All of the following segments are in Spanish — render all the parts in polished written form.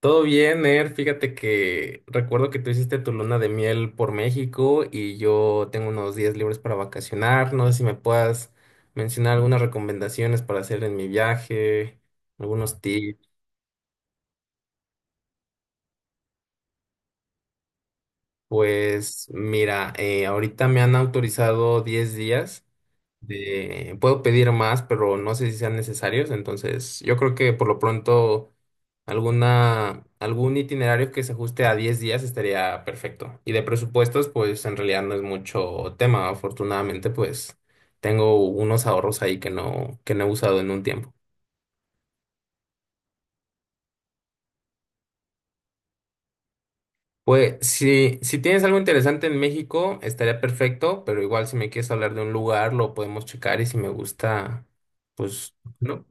Todo bien, Er. Fíjate que recuerdo que tú hiciste tu luna de miel por México y yo tengo unos días libres para vacacionar. No sé si me puedas mencionar algunas recomendaciones para hacer en mi viaje, algunos tips. Pues mira, ahorita me han autorizado 10 días. Puedo pedir más, pero no sé si sean necesarios. Entonces, yo creo que por lo pronto. Algún itinerario que se ajuste a 10 días estaría perfecto. Y de presupuestos, pues en realidad no es mucho tema. Afortunadamente, pues tengo unos ahorros ahí que no he usado en un tiempo. Pues si tienes algo interesante en México, estaría perfecto, pero igual si me quieres hablar de un lugar, lo podemos checar y si me gusta, pues, ¿no?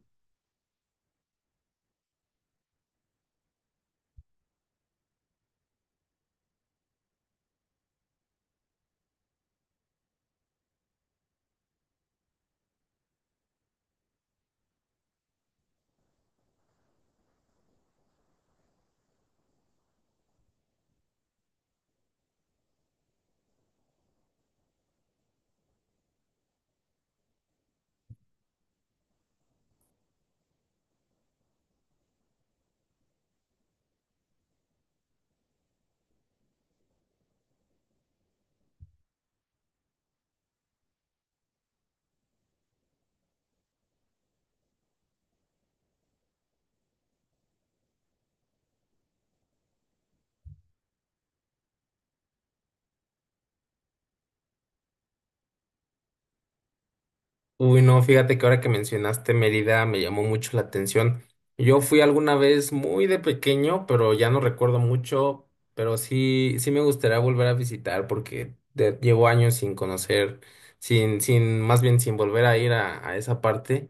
Uy, no, fíjate que ahora que mencionaste Mérida me llamó mucho la atención. Yo fui alguna vez muy de pequeño, pero ya no recuerdo mucho, pero sí, sí me gustaría volver a visitar porque llevo años sin conocer, sin, sin, más bien sin volver a ir a esa parte.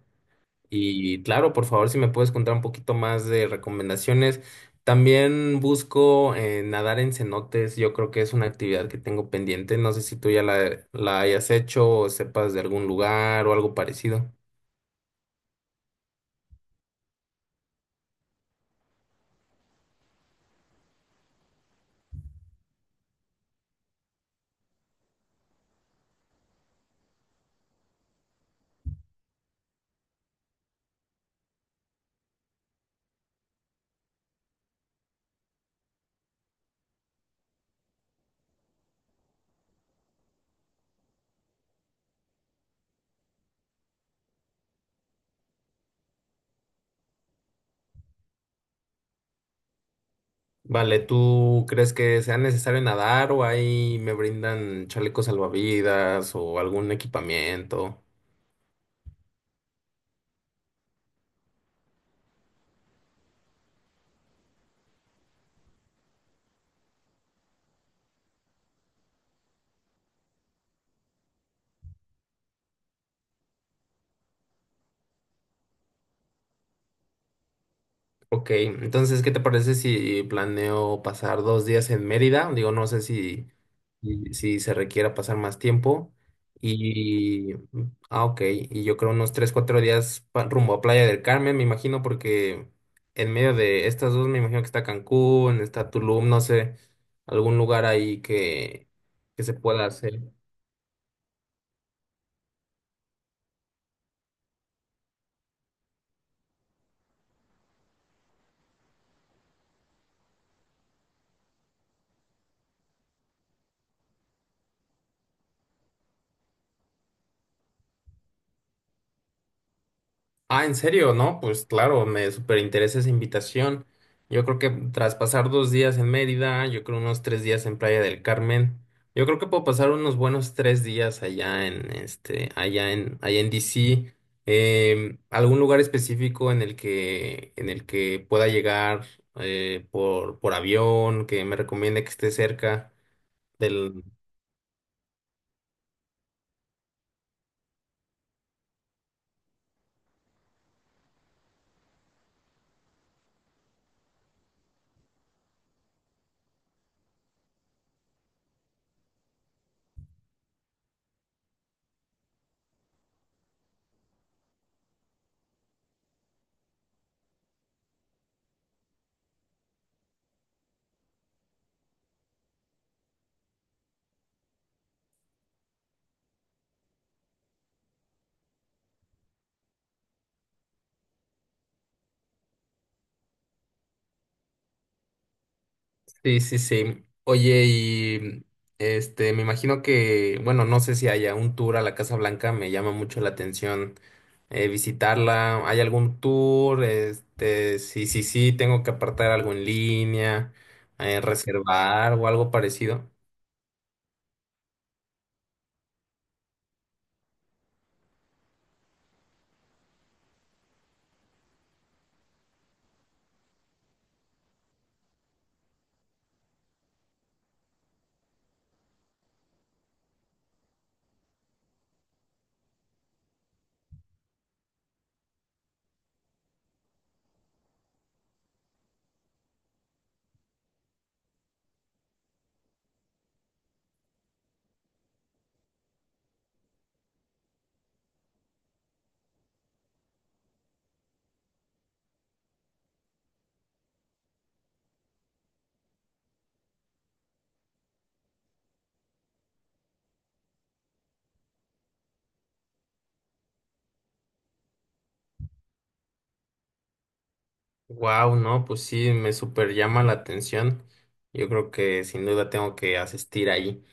Y claro, por favor, si me puedes contar un poquito más de recomendaciones. También busco nadar en cenotes. Yo creo que es una actividad que tengo pendiente. No sé si tú ya la hayas hecho o sepas de algún lugar o algo parecido. Vale, ¿tú crees que sea necesario nadar o ahí me brindan chalecos salvavidas o algún equipamiento? Ok, entonces, ¿qué te parece si planeo pasar 2 días en Mérida? Digo, no sé si... y si se requiera pasar más tiempo. Y, ok, y yo creo unos 3 4 días rumbo a Playa del Carmen, me imagino, porque en medio de estas dos, me imagino que está Cancún, está Tulum, no sé, algún lugar ahí que se pueda hacer. Ah, ¿en serio? No, pues claro, me súper interesa esa invitación. Yo creo que tras pasar 2 días en Mérida, yo creo unos 3 días en Playa del Carmen, yo creo que puedo pasar unos buenos 3 días allá en este, allá en, allá en DC. ¿Algún lugar específico en el que pueda llegar por avión, que me recomiende que esté cerca del, Sí, sí, sí. Oye, y este, me imagino que, bueno, no sé si haya un tour a la Casa Blanca, me llama mucho la atención visitarla. ¿Hay algún tour? Este, sí, sí, sí, tengo que apartar algo en línea, reservar o algo parecido. Wow, no, pues sí, me super llama la atención. Yo creo que sin duda tengo que asistir ahí.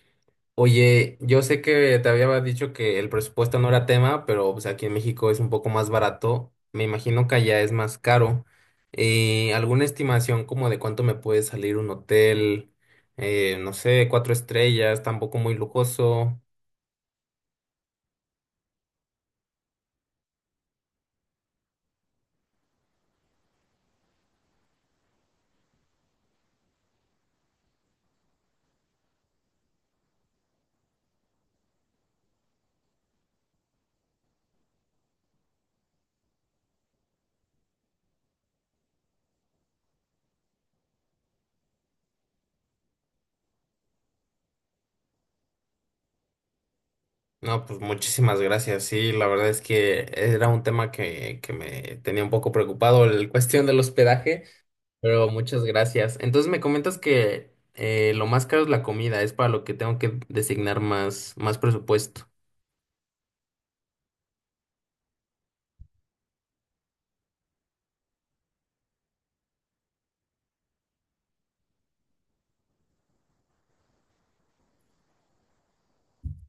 Oye, yo sé que te había dicho que el presupuesto no era tema, pero pues aquí en México es un poco más barato. Me imagino que allá es más caro. ¿Alguna estimación como de cuánto me puede salir un hotel? No sé, 4 estrellas, tampoco muy lujoso. No, pues muchísimas gracias. Sí, la verdad es que era un tema que me tenía un poco preocupado, la cuestión del hospedaje. Pero muchas gracias. Entonces me comentas que lo más caro es la comida, es para lo que tengo que designar más presupuesto.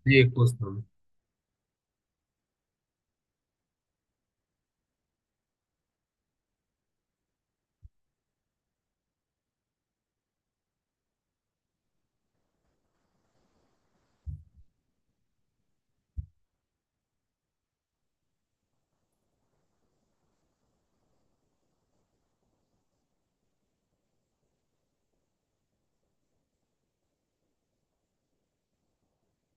Sí, justo.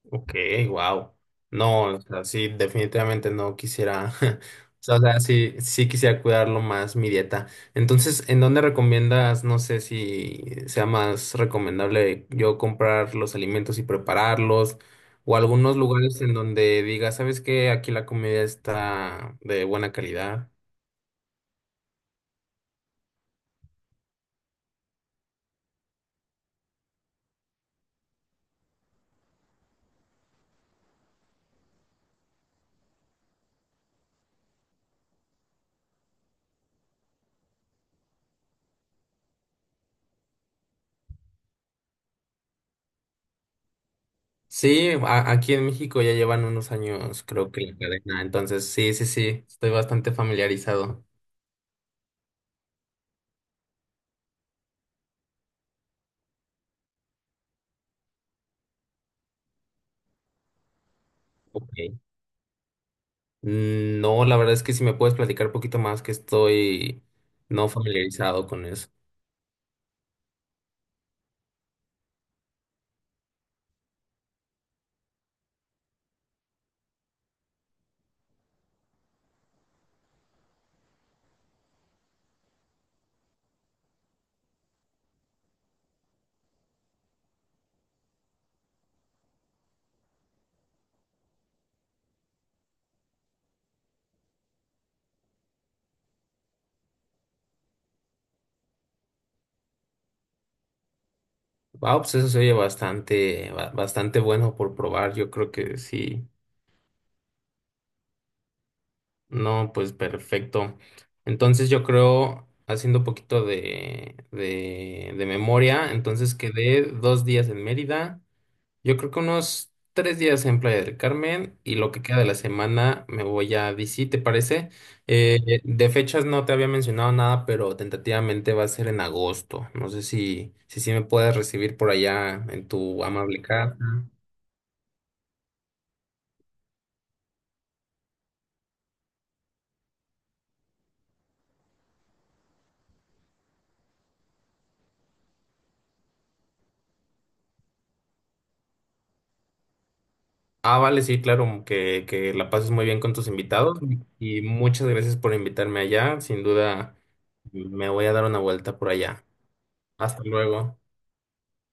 Ok, wow. No, o sea, sí, definitivamente no quisiera, o sea, sí, sí quisiera cuidarlo más mi dieta. Entonces, ¿en dónde recomiendas? No sé si sea más recomendable yo comprar los alimentos y prepararlos o algunos lugares en donde diga, ¿sabes qué? Aquí la comida está de buena calidad. Sí, aquí en México ya llevan unos años, creo que la cadena. Entonces, sí, sí, sí, estoy bastante familiarizado. Ok. Mm, no, la verdad es que si me puedes platicar un poquito más, que estoy no familiarizado con eso. Wow, pues eso se oye bastante, bastante bueno por probar. Yo creo que sí. No, pues perfecto. Entonces, yo creo, haciendo un poquito de memoria, entonces quedé 2 días en Mérida. Yo creo que unos 3 días en Playa del Carmen y lo que queda de la semana me voy a DC, ¿te parece? De fechas no te había mencionado nada, pero tentativamente va a ser en agosto. No sé si sí me puedes recibir por allá en tu amable casa. Ah, vale, sí, claro, que la pases muy bien con tus invitados y muchas gracias por invitarme allá. Sin duda me voy a dar una vuelta por allá. Hasta luego.